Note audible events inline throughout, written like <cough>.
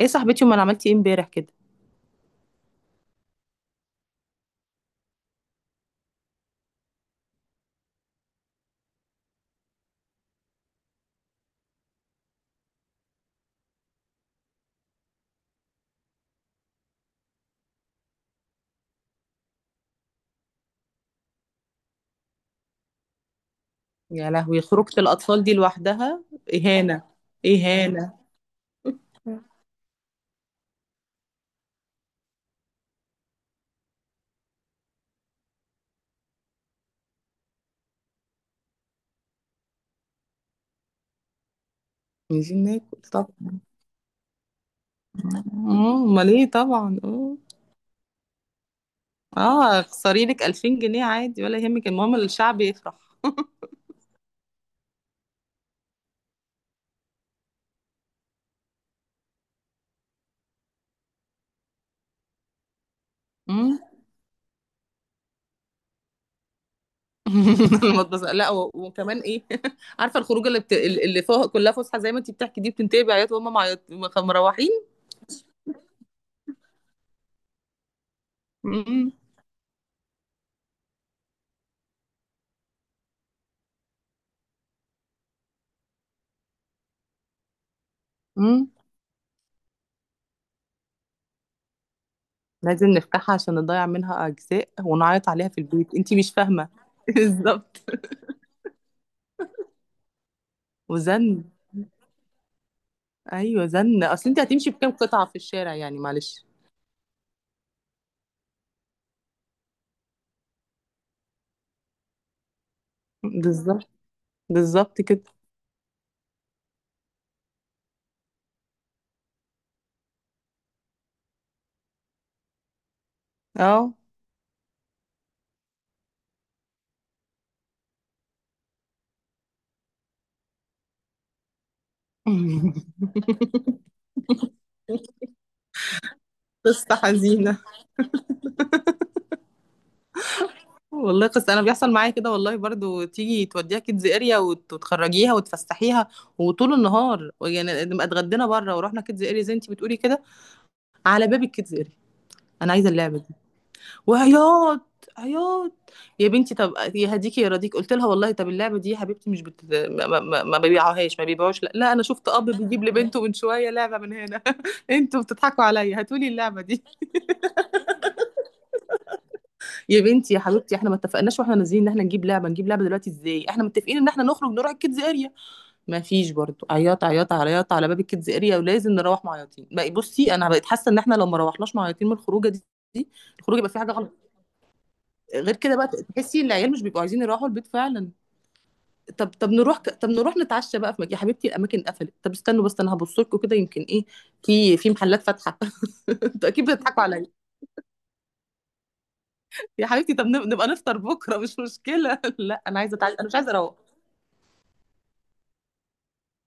ايه صاحبتي، امال عملتي ايه امبارح كده؟ يا لهوي، خروجة الاطفال دي لوحدها اهانة. اهانة. عايزين ناكل طبعا. امال ايه؟ طبعا اه. اه، اخسري لك 2000 جنيه عادي ولا يهمك، المهم الشعب يفرح. مم. <laughs> المطبخ، لا وكمان ايه؟ <laughs> عارفه الخروجه اللي فوق كلها فسحه زي ما انت بتحكي دي بتنتهي بعياط وهم معيط مروحين. مم. مم. لازم نفتحها عشان نضيع منها اجزاء ونعيط عليها في البيت، انت مش فاهمه. <laughs> بالظبط. وزن. ايوه زن، اصل انت هتمشي بكام قطعة في الشارع يعني؟ معلش. بالظبط. بالظبط كده اه. <laughs> قصة حزينة. والله قصة. أنا بيحصل معايا كده والله برضو، تيجي توديها كيدز اريا وتخرجيها وتفسحيها وطول النهار، يعني نبقى اتغدينا بره ورحنا كيدز اريا زي انت بتقولي كده. على باب الكيدز اريا، أنا عايزة اللعبة، وعياط عياط. يا بنتي طب يهديكي يرضيك، قلت لها والله طب اللعبه دي يا حبيبتي مش بت... ما بيبيعوهاش، ما بيبيعوش. لا، لا، انا شفت اب بيجيب لبنته من شويه لعبه من هنا. <laughs> انتوا بتضحكوا عليا، هاتوا لي اللعبه دي. يا بنتي يا حبيبتي، احنا ما اتفقناش واحنا نازلين ان احنا نجيب لعبه، نجيب لعبه دلوقتي ازاي؟ احنا متفقين ان احنا نخرج نروح الكيدز اريا. ما فيش برضو عياط عياط عياط على باب الكيدز اريا، ولازم نروح معيطين بقى. بصي انا بقيت حاسه ان احنا لو ما روحناش معيطين من الخروجه دي، الخروجه يبقى في حاجه غلط. غير كده بقى تحسي ان العيال مش بيبقوا عايزين يروحوا البيت فعلا. طب نروح طب نروح نتعشى بقى في مكان. يا حبيبتي الاماكن قفلت، طب استنوا بس انا هبص لكم كده، يمكن ايه في في محلات فاتحه. <laughs> انتوا اكيد بتضحكوا عليا. يا حبيبتي طب نبقى نفطر بكره، مش مشكله. <laughs> لا انا عايزه اتعشى، انا مش عايزه اروح.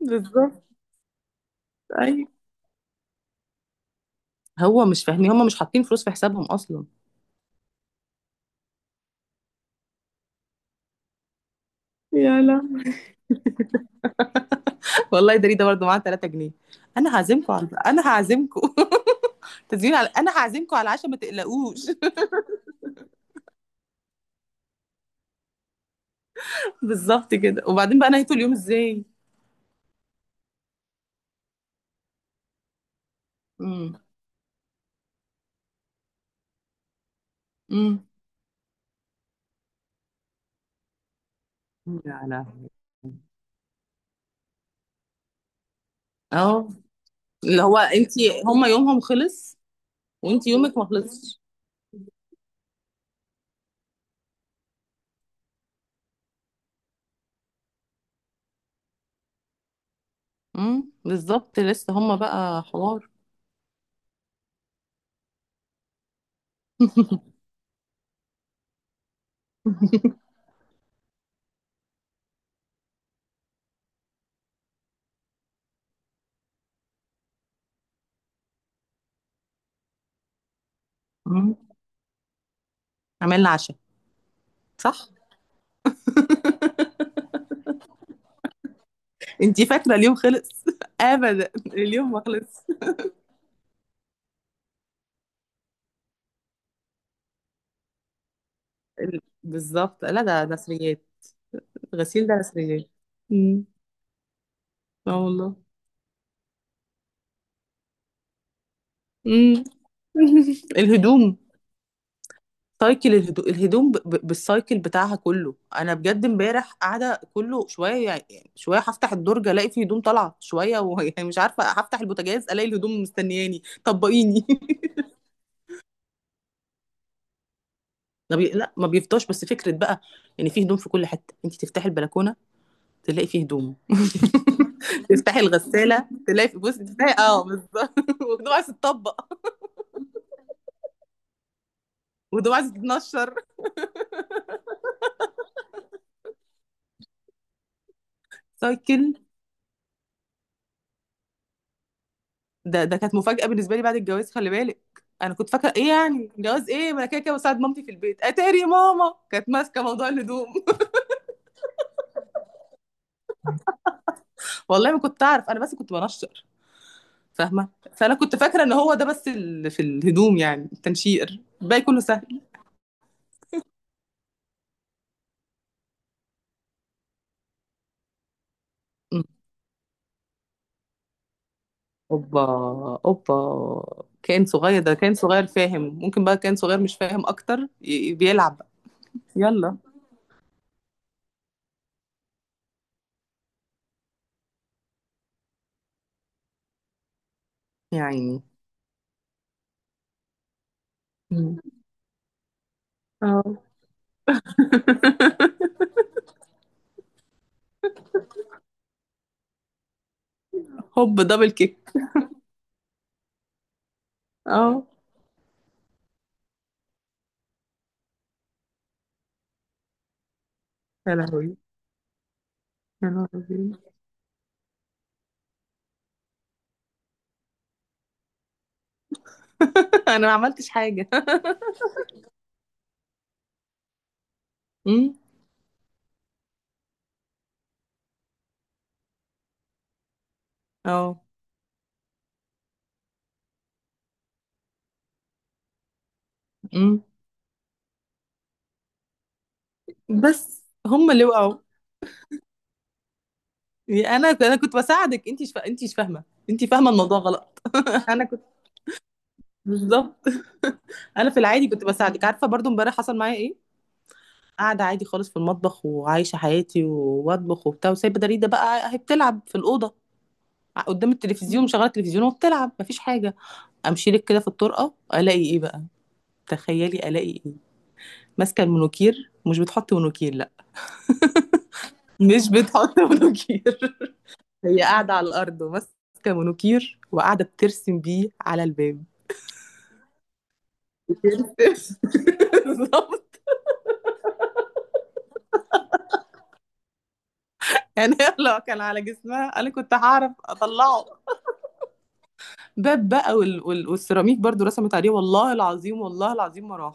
بالظبط. ايوه. هو مش فاهمين، هم مش حاطين فلوس في حسابهم اصلا. يا لا، والله ده، ده برضه معاه 3 جنيه. انا هعزمكم على، انا هعزمكم. <laughs> تزيين، على انا هعزمكم على العشاء، ما تقلقوش. <laughs> بالظبط كده. وبعدين بقى نهيتوا اليوم ازاي؟ امم. امم. يا لهوي. اه، اللي هو انت. هم يومهم خلص وانت يومك ما خلصش. امم، بالظبط لسه هم بقى حوار. <laughs> مم. عملنا عشاء. صح. <laughs> انت فاكره اليوم خلص؟ <laughs> ابدا، اليوم ما خلص. بالظبط. لا ده نسريات. غسيل ده نسريات. امم. اه والله. امم. <laughs> الهدوم، سايكل الهدوم بالسايكل بتاعها كله. انا بجد امبارح قاعده كله شويه، يعني شويه هفتح الدرج الاقي فيه هدوم طالعه شويه، و... <laughs> يعني مش عارفه هفتح البوتاجاز الاقي الهدوم مستنياني طبقيني. <laughs> ما بي... لا ما بيفضاش، بس فكره بقى يعني في هدوم في كل حته. انت تفتحي البلكونه تلاقي فيه هدوم، <laughs> تفتحي الغساله تلاقي في، بص تفتحي اه بالظبط. <laughs> وهدوم عايزه تطبق وهدوم عايزه تتنشر. <laughs> سايكل. ده، ده كانت مفاجأة بالنسبة لي بعد الجواز، خلي بالك. انا كنت فاكرة ايه يعني جواز؟ ايه ما انا كده كده بساعد مامتي في البيت، اتاري ماما كانت ماسكة موضوع الهدوم. <laughs> والله ما كنت اعرف، انا بس كنت بنشر. فاهمة، فانا كنت فاكرة ان هو ده بس في الهدوم، يعني التنشير الباقي كله سهل. م. اوبا. اوبا، كائن صغير ده كائن صغير فاهم، ممكن بقى كائن صغير مش فاهم اكتر بيلعب بقى. يلا. يا عيني. م. اه. <laughs> هوب دبل كيك. اه يا لهوي. يا لهوي. <laughs> انا ما عملتش حاجه. امم. اه. امم. بس هم اللي وقعوا. يعني انا، انا كنت بساعدك، انت مش فاهمه. انت فاهمه الموضوع غلط. <laughs> انا كنت بالظبط. انا في العادي كنت بساعدك. عارفه برضو امبارح حصل معايا ايه؟ قاعده عادي خالص في المطبخ وعايشه حياتي وبطبخ وبتاع، وسايبه دريده بقى هي بتلعب في الاوضه قدام التلفزيون، مشغله التلفزيون وبتلعب، مفيش حاجه. امشي لك كده في الطرقه الاقي ايه بقى، تخيلي الاقي ايه. ماسكه المونوكير. مش بتحط مونوكير، لا. مش بتحط <laughs> مونوكير. هي قاعدة على الأرض وماسكة مونوكير وقاعدة بترسم بيه على الباب. بترسم. <laughs> بالظبط. يعني هي لو كان على جسمها أنا كنت هعرف أطلعه. باب بقى والسيراميك برضو رسمت عليه. والله العظيم، والله العظيم ما راح.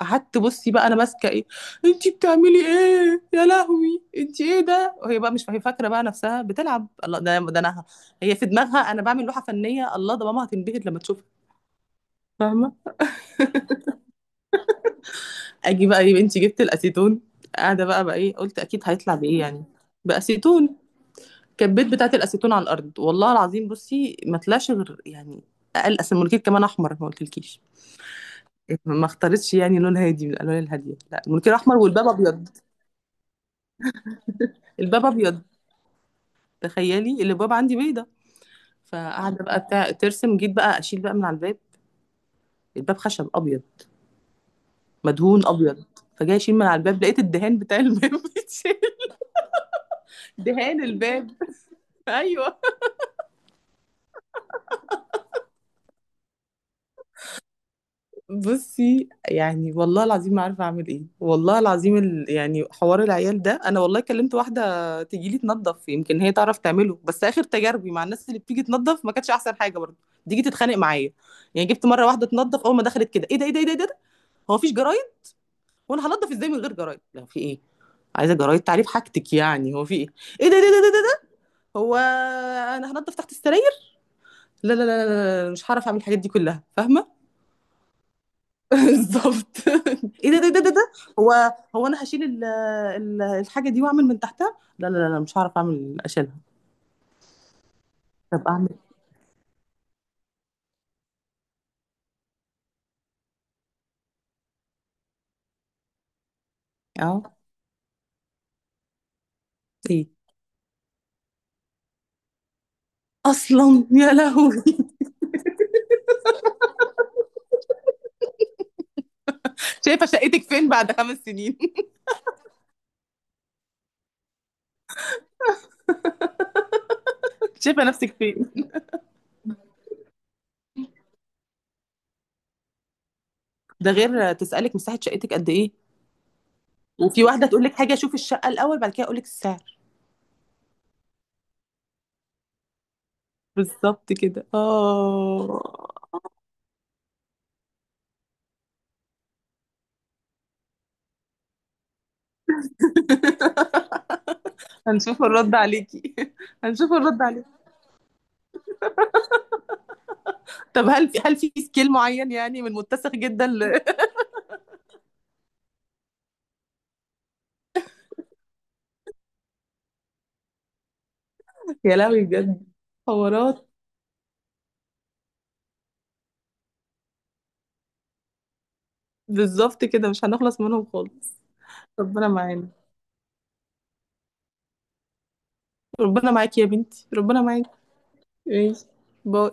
قعدت بصي بقى انا ماسكه ايه. انتي بتعملي ايه يا لهوي، انتي ايه ده؟ وهي بقى مش، هي فاكره بقى نفسها بتلعب، الله ده، ده انا، هي في دماغها انا بعمل لوحه فنيه، الله ده ماما هتنبهر لما تشوفها. فاهمه. اجي بقى يا بنتي جبت الاسيتون. قاعده بقى، بقى ايه قلت، اكيد هيطلع بايه يعني. باسيتون. كبيت بتاعه الاسيتون على الارض، والله العظيم بصي ما طلعش غير يعني اقل. اصل المنكير كمان احمر، ما قلتلكيش، ما اختارتش يعني لون هادي من الالوان الهاديه، لا المنكير احمر والباب ابيض. الباب ابيض، تخيلي اللي الباب عندي بيضه. فقاعده بقى بتاع ترسم، جيت بقى اشيل بقى من على الباب. الباب خشب ابيض مدهون ابيض. فجاي اشيل من على الباب لقيت الدهان بتاع الباب <laughs> بيتشال. دهان الباب. <laughs> ايوه. بصي يعني والله العظيم ما عارفه اعمل ايه، والله العظيم يعني حوار العيال ده انا والله كلمت واحده تجيلي تنظف يمكن هي تعرف تعمله، بس اخر تجاربي مع الناس اللي بتيجي تنظف ما كانتش احسن حاجه برضه. تيجي تتخانق معايا. يعني جبت مره واحده تنظف، اول ما دخلت كده: ايه ده، ايه ده، ايه ده, إيه ده؟ هو مفيش جرايد وانا هنضف ازاي من غير جرايد؟ لا في ايه، عايزه جرايد تعريف حاجتك يعني، هو في ايه؟ ايه ده، ايه ده، ايه ده, إيه ده, إيه ده؟ هو انا هنضف تحت السراير؟ لا لا لا لا لا، مش هعرف اعمل الحاجات دي كلها، فاهمه. بالظبط. <laughs> ايه ده ده ده ده ده. هو، هو انا هشيل الحاجه دي واعمل من تحتها؟ لا لا لا لا، مش هعرف اعمل اشيلها. طب اعمل إيه؟ اه. ايه اصلا يا لهوي. <laughs> شايفه شقتك فين بعد 5 سنين؟ <laughs> شايفه نفسك فين؟ ده غير تسالك مساحه شقتك قد ايه. وفي واحده تقول لك حاجه، شوف الشقه الاول بعد كده اقول لك السعر. بالظبط كده اه. هنشوف الرد عليكي. <laughs> هنشوف الرد عليكي. طب هل في، هل في سكيل معين يعني من متسخ جدا؟ يا لهوي بجد. حوارات. بالظبط كده، مش هنخلص منهم خالص. ربنا معانا. ربنا معاكي يا بنتي، ربنا معاكي. ماشي. باي.